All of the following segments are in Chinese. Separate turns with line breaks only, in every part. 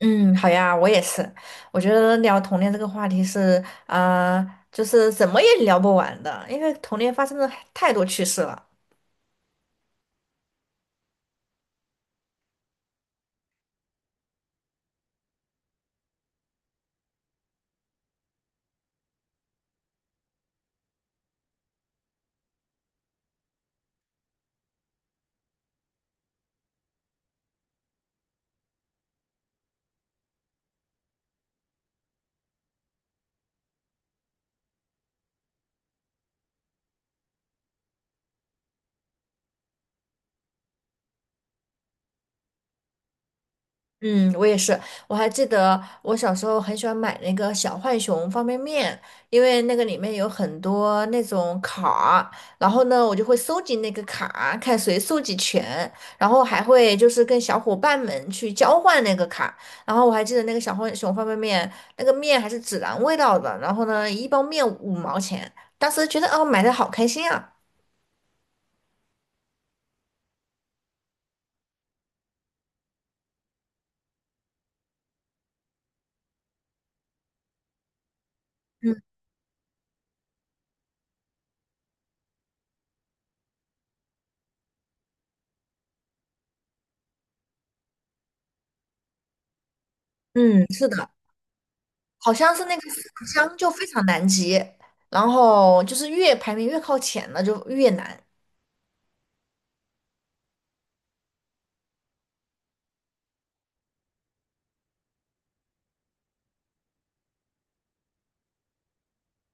嗯，好呀，我也是。我觉得聊童年这个话题是，啊，就是怎么也聊不完的，因为童年发生的太多趣事了。嗯，我也是。我还记得我小时候很喜欢买那个小浣熊方便面，因为那个里面有很多那种卡儿。然后呢，我就会收集那个卡，看谁收集全，然后还会就是跟小伙伴们去交换那个卡。然后我还记得那个小浣熊方便面，那个面还是孜然味道的，然后呢，一包面五毛钱，当时觉得哦，买的好开心啊。嗯嗯，是的。好像是那个四不像就非常难集，然后就是越排名越靠前了就越难。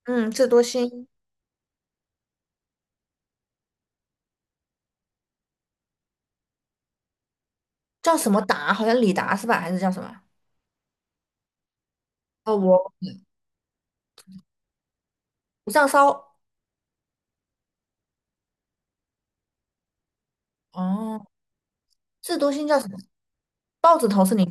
嗯，智多星叫什么达？好像李达是吧？还是叫什么？哦，我不上烧。哦，智多星叫什么？豹子头是零。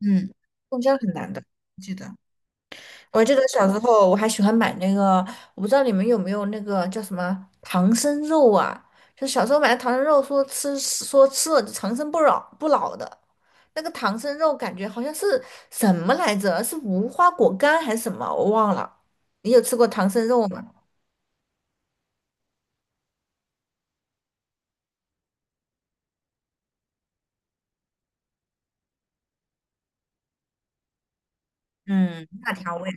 嗯，中间很难的，记得。我记得小时候我还喜欢买那个，我不知道你们有没有那个叫什么唐僧肉啊？就小时候买的唐僧肉，说吃了长生不老不老的。那个唐僧肉感觉好像是什么来着？是无花果干还是什么？我忘了。你有吃过唐僧肉吗？嗯辣条味。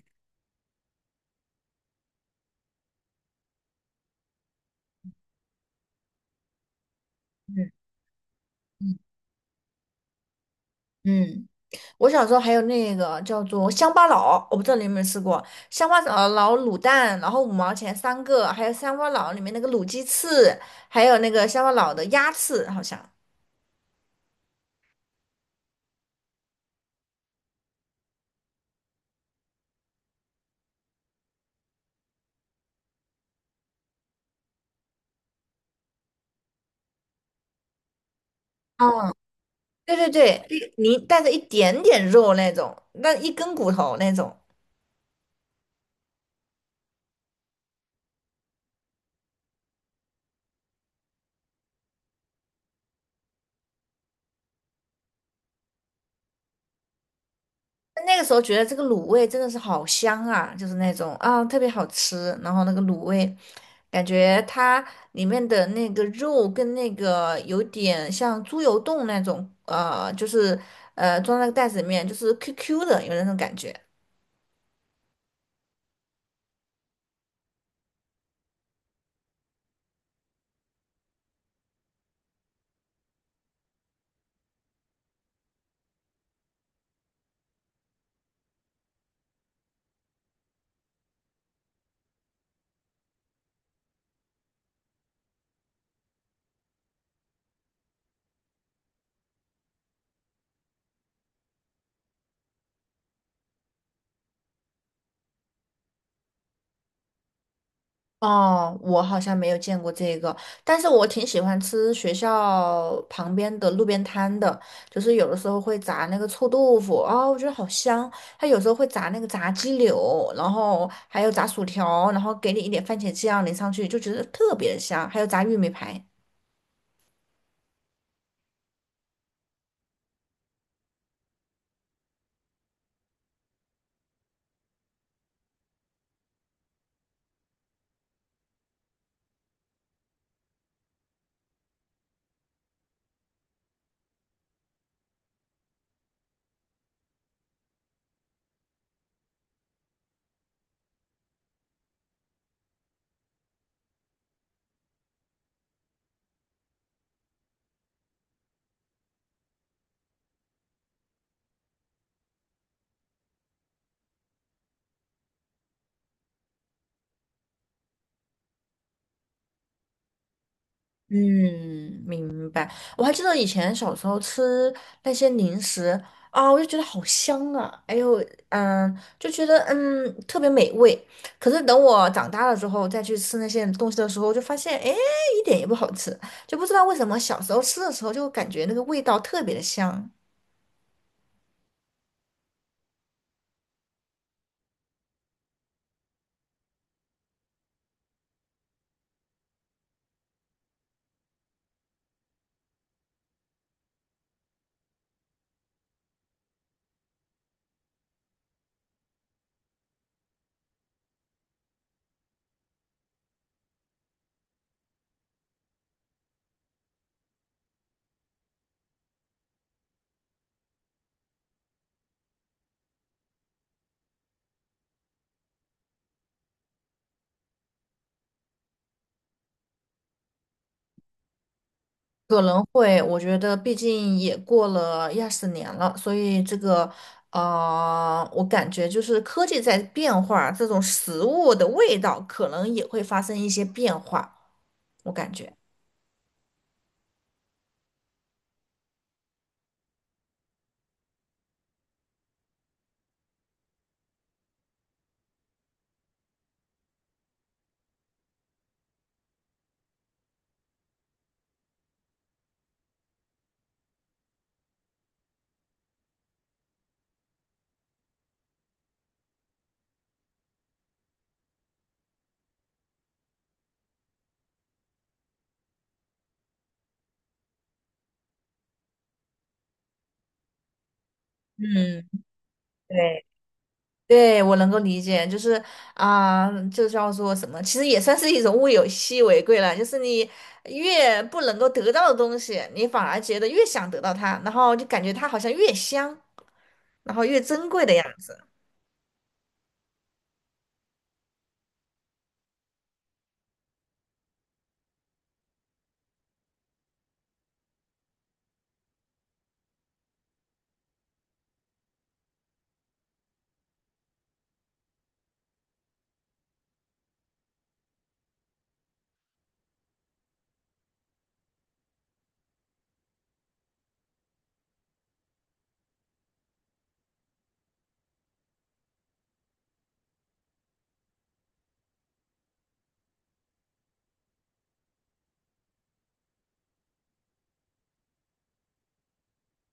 嗯嗯。嗯，我小时候还有那个叫做乡巴佬，我不知道你有没有吃过乡巴佬卤蛋，然后五毛钱三个，还有乡巴佬里面那个卤鸡翅，还有那个乡巴佬的鸭翅，好像。嗯，对对对，你带着一点点肉那种，那一根骨头那种。那个时候觉得这个卤味真的是好香啊，就是那种啊特别好吃，然后那个卤味。感觉它里面的那个肉跟那个有点像猪油冻那种，就是装在那个袋子里面，就是 QQ 的，有那种感觉。哦，我好像没有见过这个，但是我挺喜欢吃学校旁边的路边摊的，就是有的时候会炸那个臭豆腐，啊、我觉得好香。它有时候会炸那个炸鸡柳，然后还有炸薯条，然后给你一点番茄酱淋上去，就觉得特别的香。还有炸玉米排。嗯，明白。我还记得以前小时候吃那些零食啊，我就觉得好香啊，哎呦，嗯，就觉得特别美味。可是等我长大了之后再去吃那些东西的时候，就发现哎一点也不好吃，就不知道为什么小时候吃的时候就感觉那个味道特别的香。可能会，我觉得毕竟也过了一二十年了，所以这个，我感觉就是科技在变化，这种食物的味道可能也会发生一些变化，我感觉。嗯，对，对，我能够理解，就是啊、就叫做什么，其实也算是一种物有稀为贵了。就是你越不能够得到的东西，你反而觉得越想得到它，然后就感觉它好像越香，然后越珍贵的样子。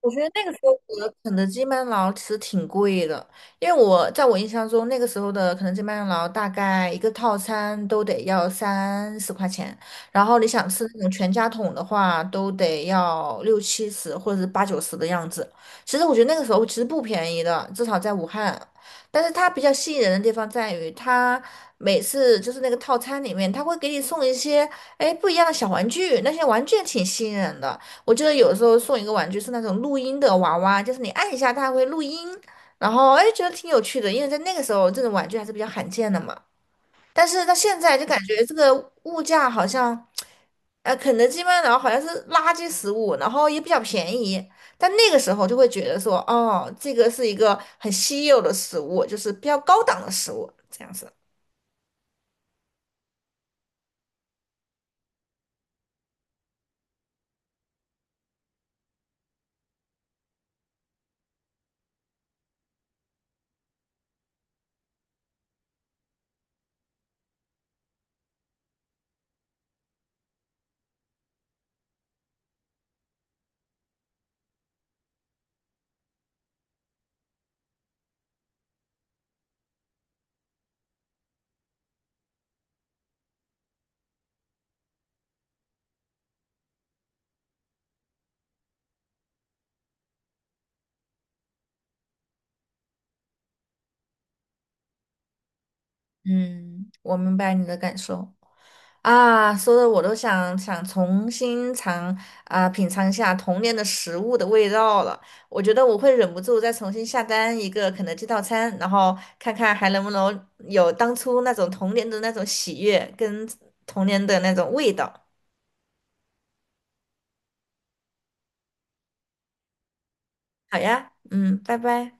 我觉得那个时候的肯德基、麦当劳其实挺贵的，因为我在我印象中，那个时候的肯德基、麦当劳大概一个套餐都得要30块钱，然后你想吃那种全家桶的话，都得要六七十或者是八九十的样子。其实我觉得那个时候其实不便宜的，至少在武汉。但是它比较吸引人的地方在于，它每次就是那个套餐里面，它会给你送一些哎不一样的小玩具，那些玩具也挺吸引人的。我记得有时候送一个玩具是那种录音的娃娃，就是你按一下它会录音，然后哎觉得挺有趣的，因为在那个时候这种玩具还是比较罕见的嘛。但是到现在就感觉这个物价好像，肯德基、麦当劳好像是垃圾食物，然后也比较便宜。但那个时候就会觉得说，哦，这个是一个很稀有的食物，就是比较高档的食物，这样子。嗯，我明白你的感受。啊，说的我都想想重新尝啊、品尝一下童年的食物的味道了。我觉得我会忍不住再重新下单一个肯德基套餐，然后看看还能不能有当初那种童年的那种喜悦跟童年的那种味道。好呀，嗯，拜拜。